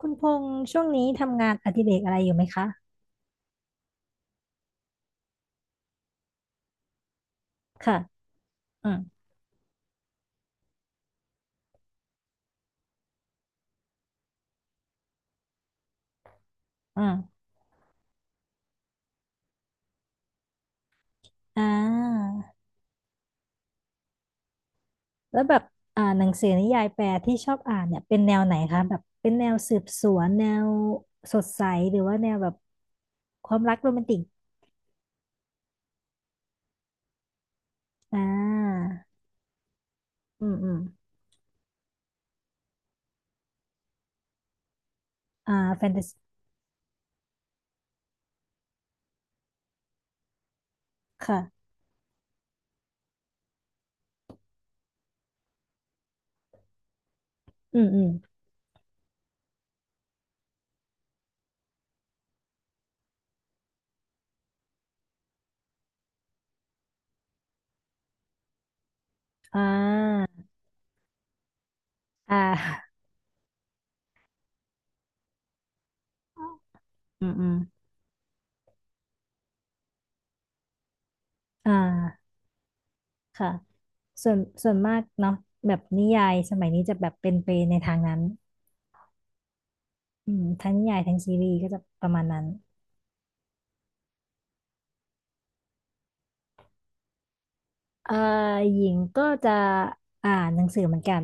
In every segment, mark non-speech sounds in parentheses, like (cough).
คุณพงษ์ช่วงนี้ทำงานอดิเรกอะไรอยู่ไหมคะค่ะอืมอืมอ่าแล้วแบบหนังสือนิยายแปลที่ชอบอ่านเนี่ยเป็นแนวไหนคะแบบเป็นแนวสืบสวนแนวสดใสหรือว่าแนวแบบความรักโรแมนติกอ่าอืมอืมอ่าแฟนตาซีค่ะอืมอืมอ่าอ่าอืมอืมอ่าค่ะส่วนมากเนาะแบบนิยายสมัยนี้จะแบบเป็นไปในทางนั้น อืมทั้งนิยายทั้งซีรีส์ก็จะประมาณนั้นเอ่อหญิงก็จะอ่านหนังสือเหมือนกัน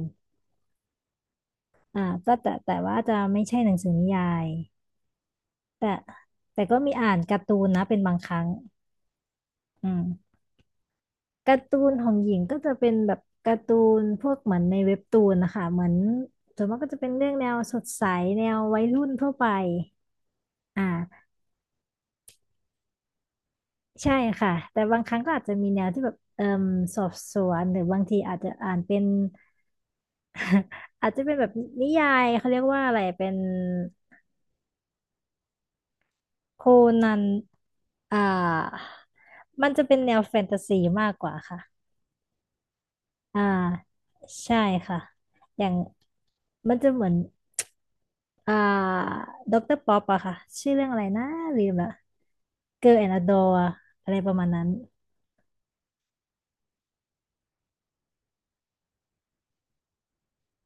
อ่าแต่ว่าจะไม่ใช่หนังสือนิยายแต่แต่ก็มีอ่านการ์ตูนนะเป็นบางครั้งอืมการ์ตูนของหญิงก็จะเป็นแบบการ์ตูนพวกเหมือนในเว็บตูนนะคะเหมือนส่วนมากก็จะเป็นเรื่องแนวสดใสแนววัยรุ่นทั่วไปอ่าใช่ค่ะแต่บางครั้งก็อาจจะมีแนวที่แบบเอ่มสอบสวนหรือบางทีอาจจะอ่านเป็น อาจจะเป็นแบบนิยายเขาเรียกว่าอะไรเป็นโคนันอ่ามันจะเป็นแนวแฟนตาซีมากกว่าค่ะอ่าใช่ค่ะ อย่างมันจะเหมือน อ่า ด็อกเตอร์ป๊อปอะค่ะ ชื่อเรื่องอะไรนะลืมละเกิร์ลแอนด์ดออะไรประมาณนั้น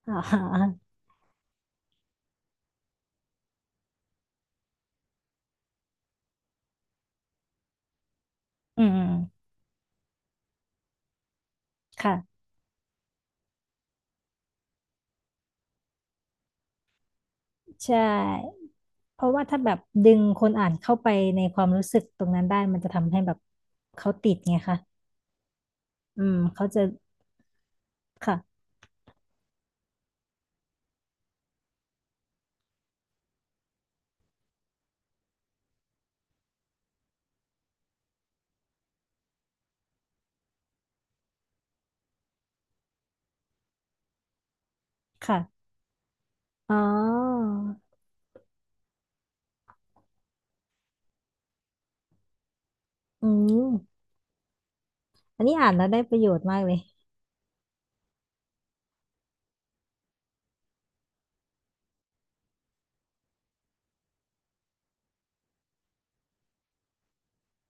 อ่า (laughs) อืมอืม ค่ะ ใช่ เพราะว่าถ้าแบบดึงคนอ่านเข้าไปในความรู้สึกตรงนั้นได้มันจะทำให้แบบเขาติดไงคะ อืมเขาจะ ค่ะ ค่ะอ๋ออืมอันนี้อ่านแล้วได้ประโยชน์มากเลย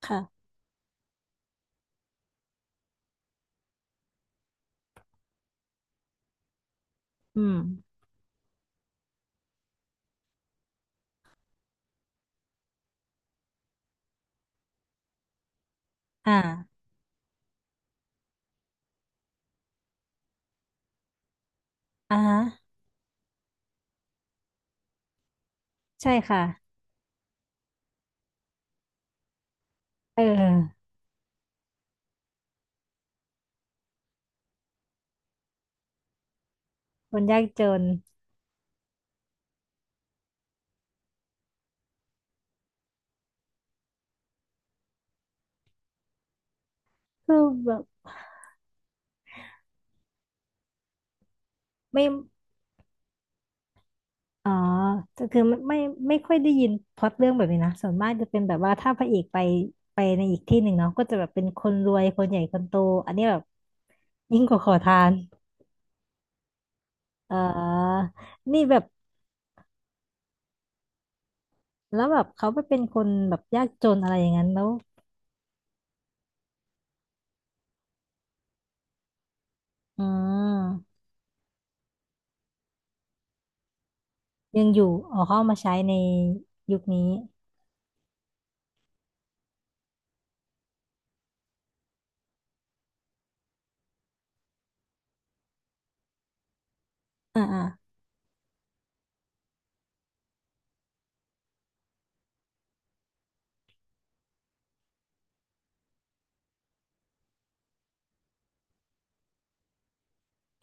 ค่ะอืมอ่าอ่าฮะใช่ค่ะเออคนยากจนคือแบบไม่อ๋อแต่คือไม่ไม่ค่อยได้ยินพล็อตเรื่องแบบนี้นะส่วนมากจะเป็นแบบว่าถ้าพระเอกไปในอีกที่หนึ่งเนาะก็จะแบบเป็นคนรวยคนใหญ่คนโต อันนี้แบบยิ่งกว่าขอทานเออนี่แบบแล้วแบบเขาไปเป็นคนแบบยากจนอะไรอย่างนั้นแล้วอืม ยังอยู่อ๋อเขาเอามาใช้ในยุคนี้อ่าอ่า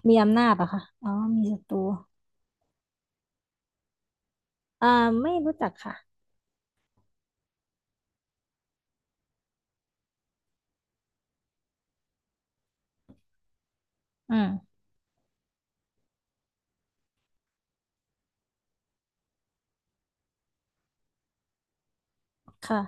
มีอำนาจเหรอคะอ๋อมีศัตรูอ่าไม่รู้จักค่ะอืมค่ะ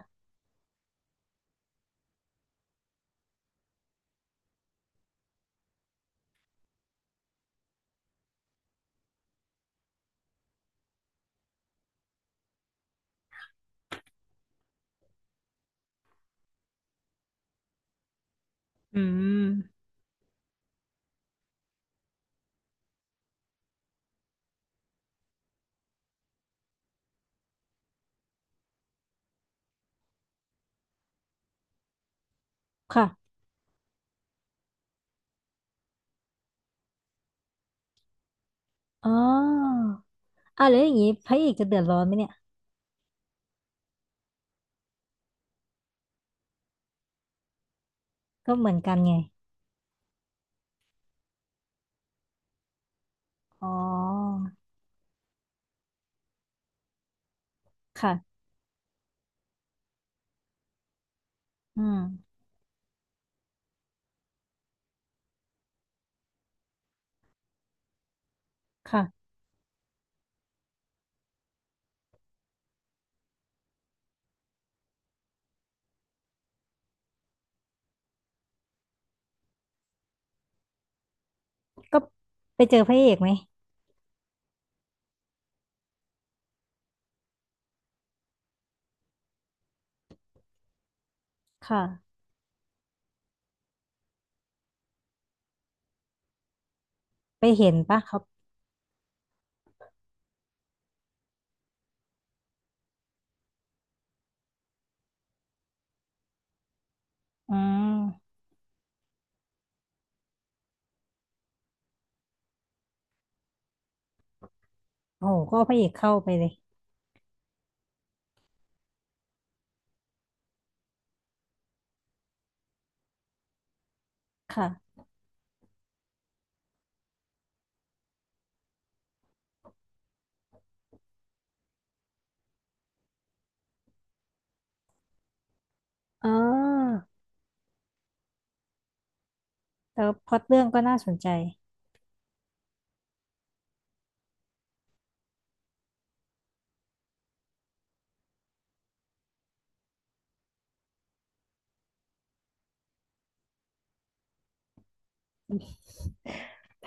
อืมค่ะอ๋ออ่าแล้วอย่างนี้พระเอกจะเดือดร้อนไหมเนี่ยก็เหมือนกันไงอ๋อค่ะอืมค่ะก็ไปเจอพระเอกไหมค่ะไปเห็นปะครับอืมโอ้โหก็เอาพระเอกเข้าไปเลยค่ะอ๋อแต่ว่าพล็อตเรื่องก็น่าสนใจ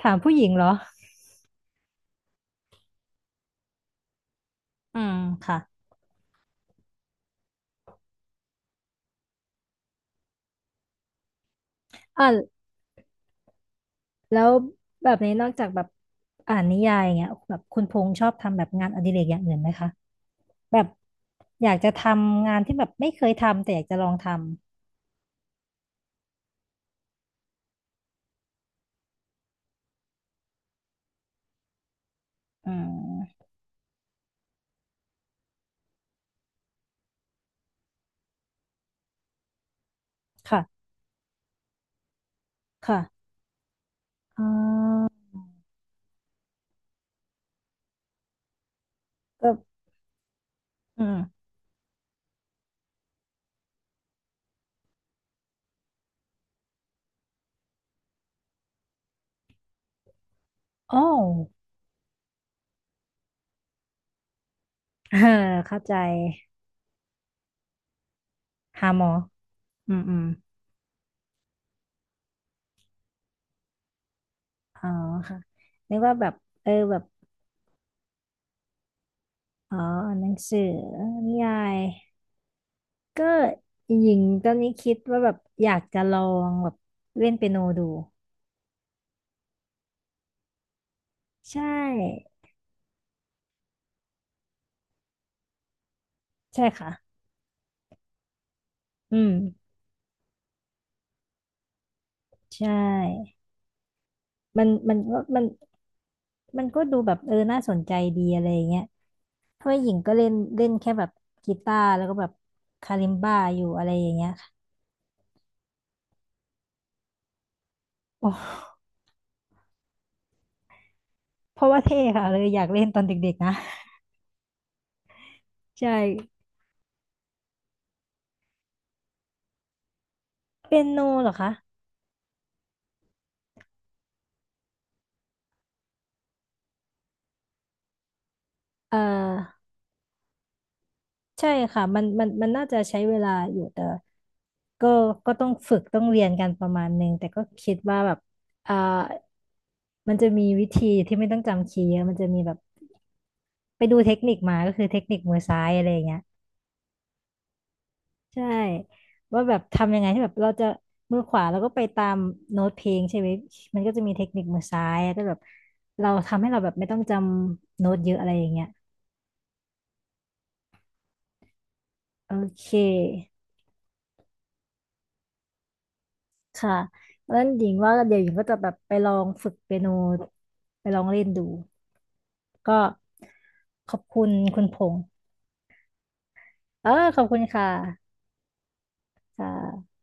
ถามผู้หญิงเหรออืมค่ะอ่า แล้วแบบนี้นอกจากแบบอ่านนิยายอย่างเงี้ยแบบคุณพงษ์ชอบทำแบบงานอดิเรกอย่างอื่นไหมคะแบบอยากจะทำงานที่แบบไม่เคยทำแต่อยากจะลองทำอืมค่ะค่ะอ่าก็อืมอ๋อเออ (laughs) เข้าใจหาหมออืมอืมอ๋อค่ะนึกว่าแบบเออแบบอ๋ออ่านหนังสือนิยายก็หญิงตอนนี้คิดว่าแบบอยากจะลองแบบเล่นเปียโนดูใช่ ใช่ค่ะอืมใช่มันมันก็ดูแบบเออ น่าสนใจดีอะไรอย่างเงี้ยเพราะว่าหญิงก็เล่นเล่นแค่แบบกีตาร์แล้วก็แบบคาลิมบ้าอยู่อะไรอย่างเงี้ยค่ะโอ้เพราะว่าเท่ค่ะเลยอยากเล่นตอนเด็กๆนะใช่เปียโนเหรอคะเออใช่ค่ะมันน่าจะใช้เวลาอยู่แต่ก็ก็ต้องฝึกต้องเรียนกันประมาณหนึ่ง แต่ก็คิดว่าแบบเออมันจะมีวิธีที่ไม่ต้องจำคีย์เยอะมันจะมีแบบ ไปดูเทคนิคมาก็คือเทคนิคมือซ้ายอะไรอย่างเงี้ยใช่ว่าแบบทำยังไงที่แบบเราจะมือขวาเราก็ไปตามโน้ตเพลงใช่ไหมมันก็จะมีเทคนิคมือซ้ายแต่แบบเราทำให้เราแบบไม่ต้องจำโน้ตเยอะอะไรอย่างเงี้ยโอเคค่ะแล้วหญิงว่าเดี๋ยวหญิงก็จะแบบไปลองฝึกเปียโนไปลองเล่นดูก็ขอบคุณคุณพงษ์เออขอบคุณค่ะค่ะ